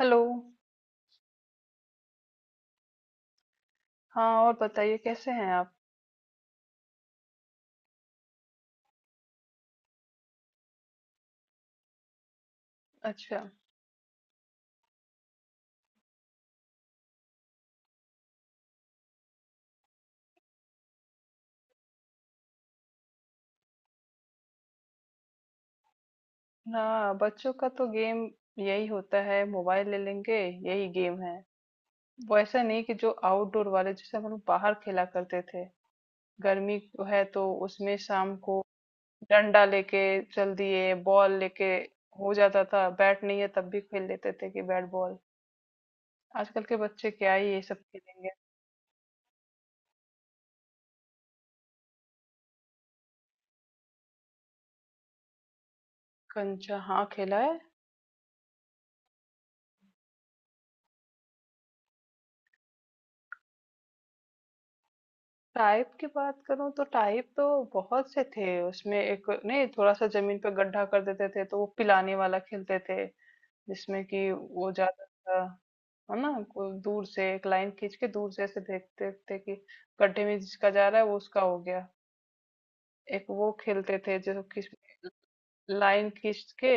Hello. हाँ, और बताइए कैसे हैं आप? अच्छा। हाँ, बच्चों का तो गेम यही होता है, मोबाइल ले लेंगे, यही गेम है। वो ऐसा नहीं कि जो आउटडोर वाले जैसे हम लोग बाहर खेला करते थे। गर्मी है तो उसमें शाम को डंडा लेके चल दिए, बॉल लेके, हो जाता था। बैट नहीं है तब भी खेल लेते थे कि बैट बॉल। आजकल के बच्चे क्या ही ये सब खेलेंगे। कंचा हाँ खेला है। टाइप की बात करूं तो टाइप तो बहुत से थे उसमें। एक नहीं, थोड़ा सा जमीन पे गड्ढा कर देते थे तो वो पिलाने वाला खेलते थे, जिसमें कि वो जाता था है ना, को दूर से एक लाइन खींच के दूर से ऐसे देखते थे कि गड्ढे में जिसका जा रहा है वो उसका हो गया। एक वो खेलते थे जो किस, लाइन खींच के,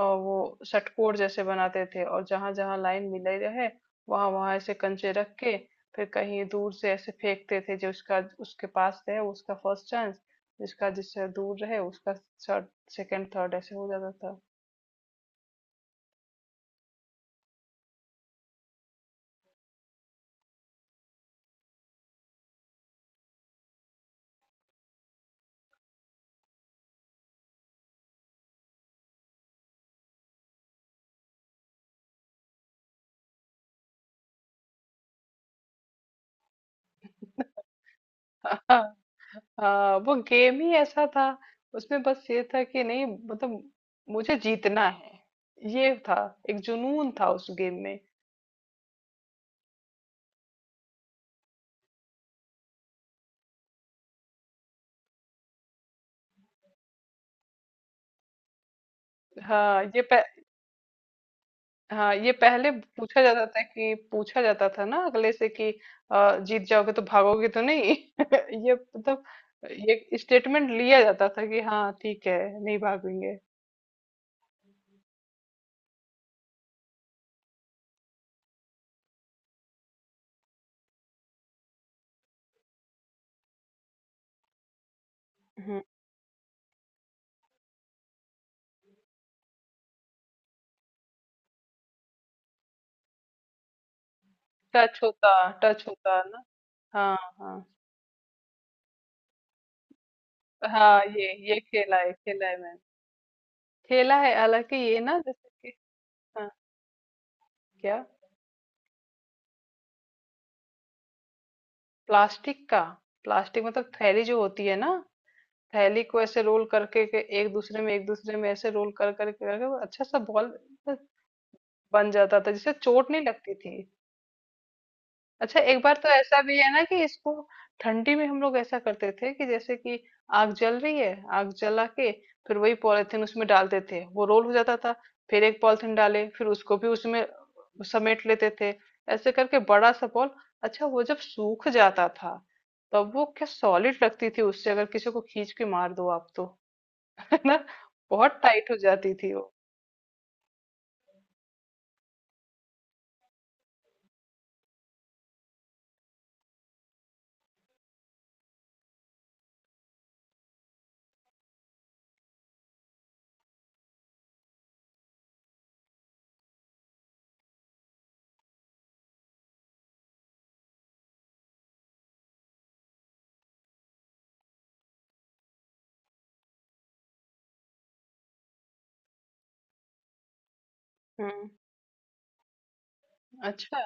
और वो षटकोर जैसे बनाते थे और जहां जहां लाइन मिले रहे वहां वहां ऐसे कंचे रख के फिर कहीं दूर से ऐसे फेंकते थे। जो उसका उसके पास रहे उसका फर्स्ट चांस, जिसका जिससे दूर रहे उसका थर्ड, सेकंड थर्ड ऐसे हो जाता था। हाँ। हाँ, वो गेम ही ऐसा था। उसमें बस ये था कि नहीं, मतलब मुझे जीतना है, ये था। एक जुनून था उस गेम में। हाँ ये हाँ, ये पहले पूछा जाता था कि पूछा जाता था ना अगले से कि जीत जाओगे तो भागोगे तो नहीं। ये मतलब ये स्टेटमेंट लिया जाता था कि हाँ ठीक है, नहीं भागेंगे। हम्म। टच होता, टच होता ना। हाँ हाँ। हाँ, ये खेला है, खेला है मैंने, खेला है। हालांकि ये ना जैसे कि हाँ, क्या? प्लास्टिक का। प्लास्टिक मतलब थैली जो होती है ना, थैली को ऐसे रोल करके के एक दूसरे में ऐसे रोल कर कर कर कर अच्छा सा बॉल बन जाता था, जिससे चोट नहीं लगती थी। अच्छा एक बार तो ऐसा भी है ना कि इसको ठंडी में हम लोग ऐसा करते थे कि जैसे कि आग जल रही है, आग जला के फिर वही पॉलिथीन उसमें डालते थे, वो रोल हो जाता था। फिर एक पॉलिथीन डाले फिर उसको भी उसमें समेट लेते थे। ऐसे करके बड़ा सा बॉल। अच्छा वो जब सूख जाता था तब वो क्या सॉलिड लगती थी, उससे अगर किसी को खींच के मार दो आप तो है ना, बहुत टाइट हो जाती थी वो। हम्म। अच्छा,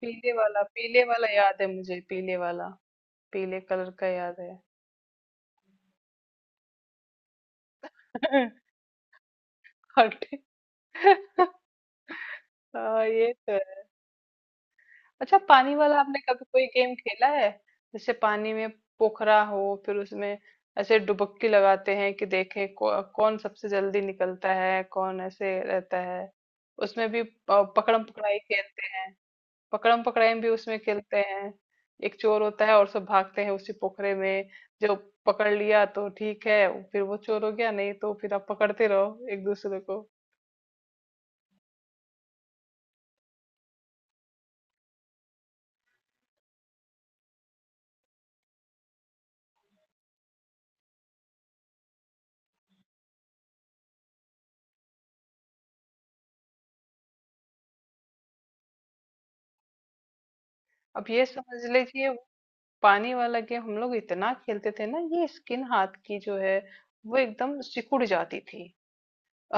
पीले वाला, पीले वाला याद है मुझे, पीले वाला, पीले कलर का याद है। हटे। हाँ, ये तो है। अच्छा पानी वाला आपने कभी कोई गेम खेला है? जैसे पानी में पोखरा हो फिर उसमें ऐसे डुबक्की लगाते हैं कि देखें कौन सबसे जल्दी निकलता है, कौन ऐसे रहता है। उसमें भी पकड़म पकड़ाई खेलते हैं, पकड़म पकड़ाई भी उसमें खेलते हैं। एक चोर होता है और सब भागते हैं उसी पोखरे में। जो पकड़ लिया तो ठीक है, फिर वो चोर हो गया, नहीं तो फिर आप पकड़ते रहो एक दूसरे को। अब ये समझ लीजिए वो पानी वाला गेम हम लोग इतना खेलते थे ना, ये स्किन हाथ की जो है वो एकदम सिकुड़ जाती थी।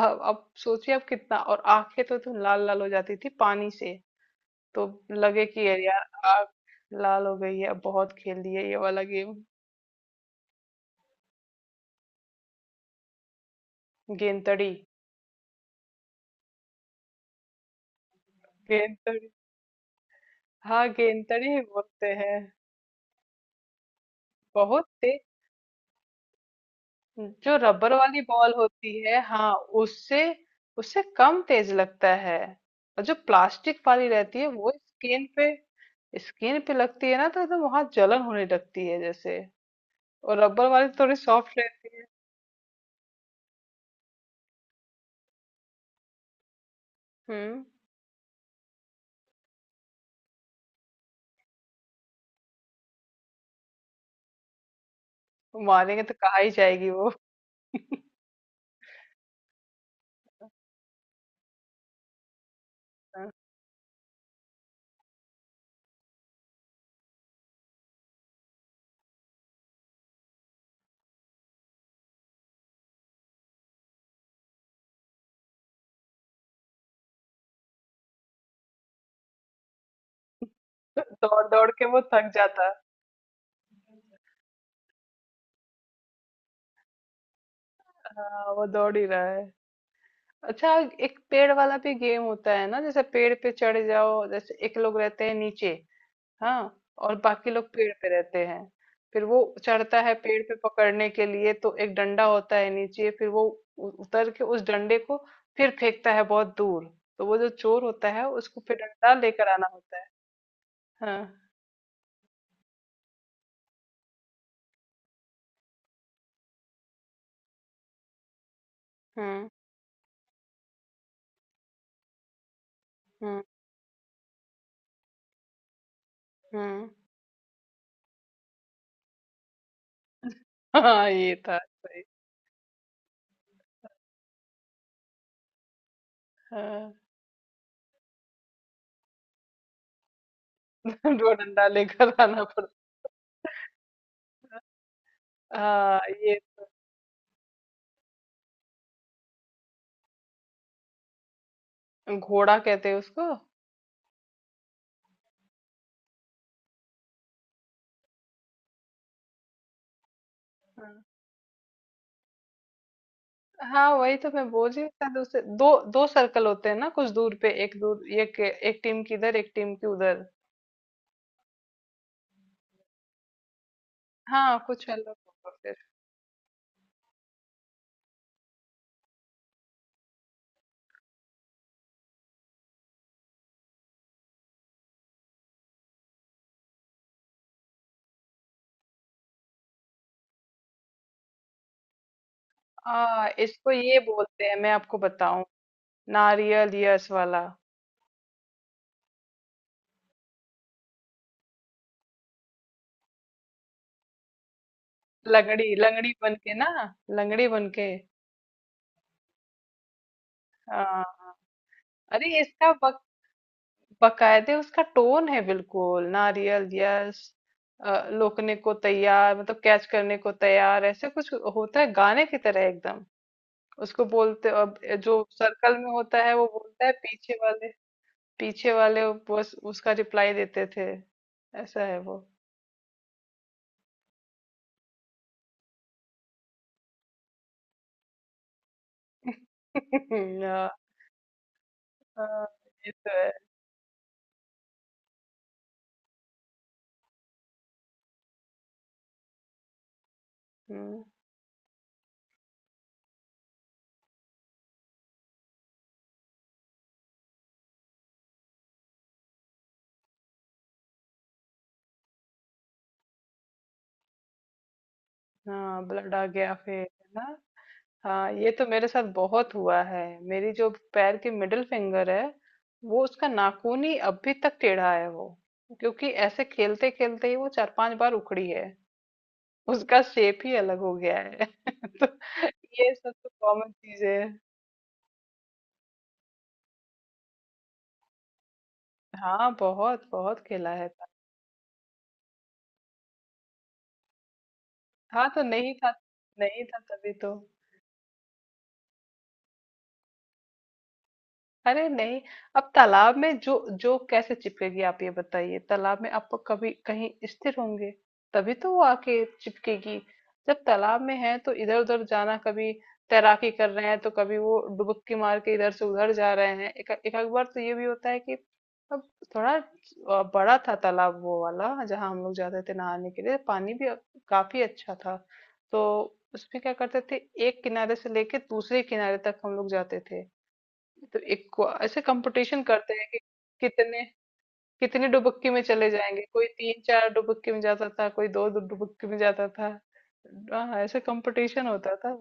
अब सोचिए आप कितना। और आंखें तो लाल लाल हो जाती थी पानी से तो लगे कि यार यार आंख लाल हो गई है, अब बहुत खेल लिए ये वाला गेम। गेंद तड़ी। गेंद तड़ी हाँ, गेंदड़ी ही बोलते हैं। बहुत तेज। जो रबर वाली बॉल होती है हाँ, उससे उससे कम तेज लगता है। और जो प्लास्टिक वाली रहती है वो स्किन पे, स्किन पे लगती है ना तो एकदम वहां जलन होने लगती है जैसे, और रबर वाली तो थोड़ी सॉफ्ट रहती है। हम्म। मारेंगे तो कहा ही जाएगी वो। दौड़ दौड़ के वो थक जाता है। हाँ वो दौड़ ही रहा है। अच्छा एक पेड़ वाला भी गेम होता है ना, जैसे पेड़ पे चढ़ जाओ, जैसे एक लोग रहते हैं नीचे, हाँ, और बाकी लोग पेड़ पे रहते हैं। फिर वो चढ़ता है पेड़ पे पकड़ने के लिए, तो एक डंडा होता है नीचे, फिर वो उतर के उस डंडे को फिर फेंकता है बहुत दूर। तो वो जो चोर होता है उसको फिर डंडा लेकर आना होता है। हाँ। हम्म। हम्म। हम्म। हाँ ये था सही। हाँ, दो डंडा लेकर आना पड़ता है। हाँ ये घोड़ा कहते हैं उसको। हाँ। हाँ वही तो मैं बोल रही हूँ। शायद उसे दो दो सर्कल होते हैं ना, कुछ दूर पे, एक दूर, एक एक टीम की इधर एक टीम की उधर। हाँ कुछ अलग होगा फिर। हाँ इसको ये बोलते हैं, मैं आपको बताऊं, नारियल यस वाला। लंगड़ी, लंगड़ी बन के ना, लंगड़ी बन के। हाँ। अरे इसका बकायदे उसका टोन है, बिल्कुल नारियल यस, लोकने को तैयार, मतलब कैच करने को तैयार, ऐसे कुछ होता है गाने की तरह एकदम। उसको बोलते अब जो सर्कल में होता है वो बोलता है पीछे वाले, पीछे वाले, बस उसका रिप्लाई देते थे। ऐसा है वो। हाँ। हाँ, ये तो है। हम्म, हाँ ब्लड आ गया फिर है ना। हाँ ये तो मेरे साथ बहुत हुआ है। मेरी जो पैर की मिडिल फिंगर है वो उसका नाखून ही अभी तक टेढ़ा है वो, क्योंकि ऐसे खेलते खेलते ही वो चार पांच बार उखड़ी है, उसका शेप ही अलग हो गया है। तो ये सब तो कॉमन चीज है। हाँ बहुत बहुत खेला है। हाँ तो नहीं था, नहीं था तभी तो। अरे नहीं, अब तालाब में जो जो कैसे चिपकेगी? आप ये बताइए, तालाब में आप कभी कहीं स्थिर होंगे तभी तो वो आके चिपकेगी। जब तालाब में है तो इधर उधर जाना, कभी तैराकी कर रहे हैं तो कभी वो डुबकी मार के इधर से उधर जा रहे हैं। एक एक आध बार तो ये भी होता है कि अब थोड़ा बड़ा था तालाब वो वाला जहाँ हम लोग जाते थे नहाने के लिए, पानी भी काफी अच्छा था, तो उसमें क्या करते थे, एक किनारे से लेके दूसरे किनारे तक हम लोग जाते थे। तो एक ऐसे कंपटीशन करते हैं कि कितने, कितनी डुबक्की में चले जाएंगे, कोई 3 4 डुबक्की में जाता था, कोई 2 2 डुबक्की में जाता था। हाँ ऐसे कंपटीशन होता था।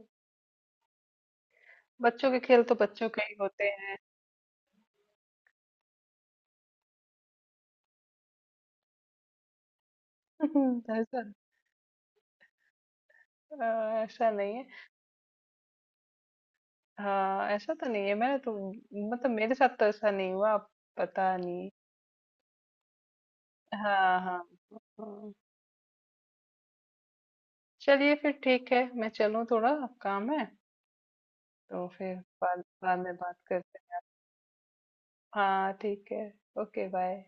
बच्चों के खेल तो बच्चों के ही होते हैं। ऐसा? ऐसा नहीं है, हाँ ऐसा तो नहीं है, मैंने तो, मतलब मेरे साथ तो ऐसा नहीं हुआ, पता नहीं। हाँ हाँ। हाँ। चलिए फिर ठीक है, मैं चलूँ थोड़ा, काम है, तो फिर बाद, बाद में बात करते। हाँ, ठीक है। Okay, bye.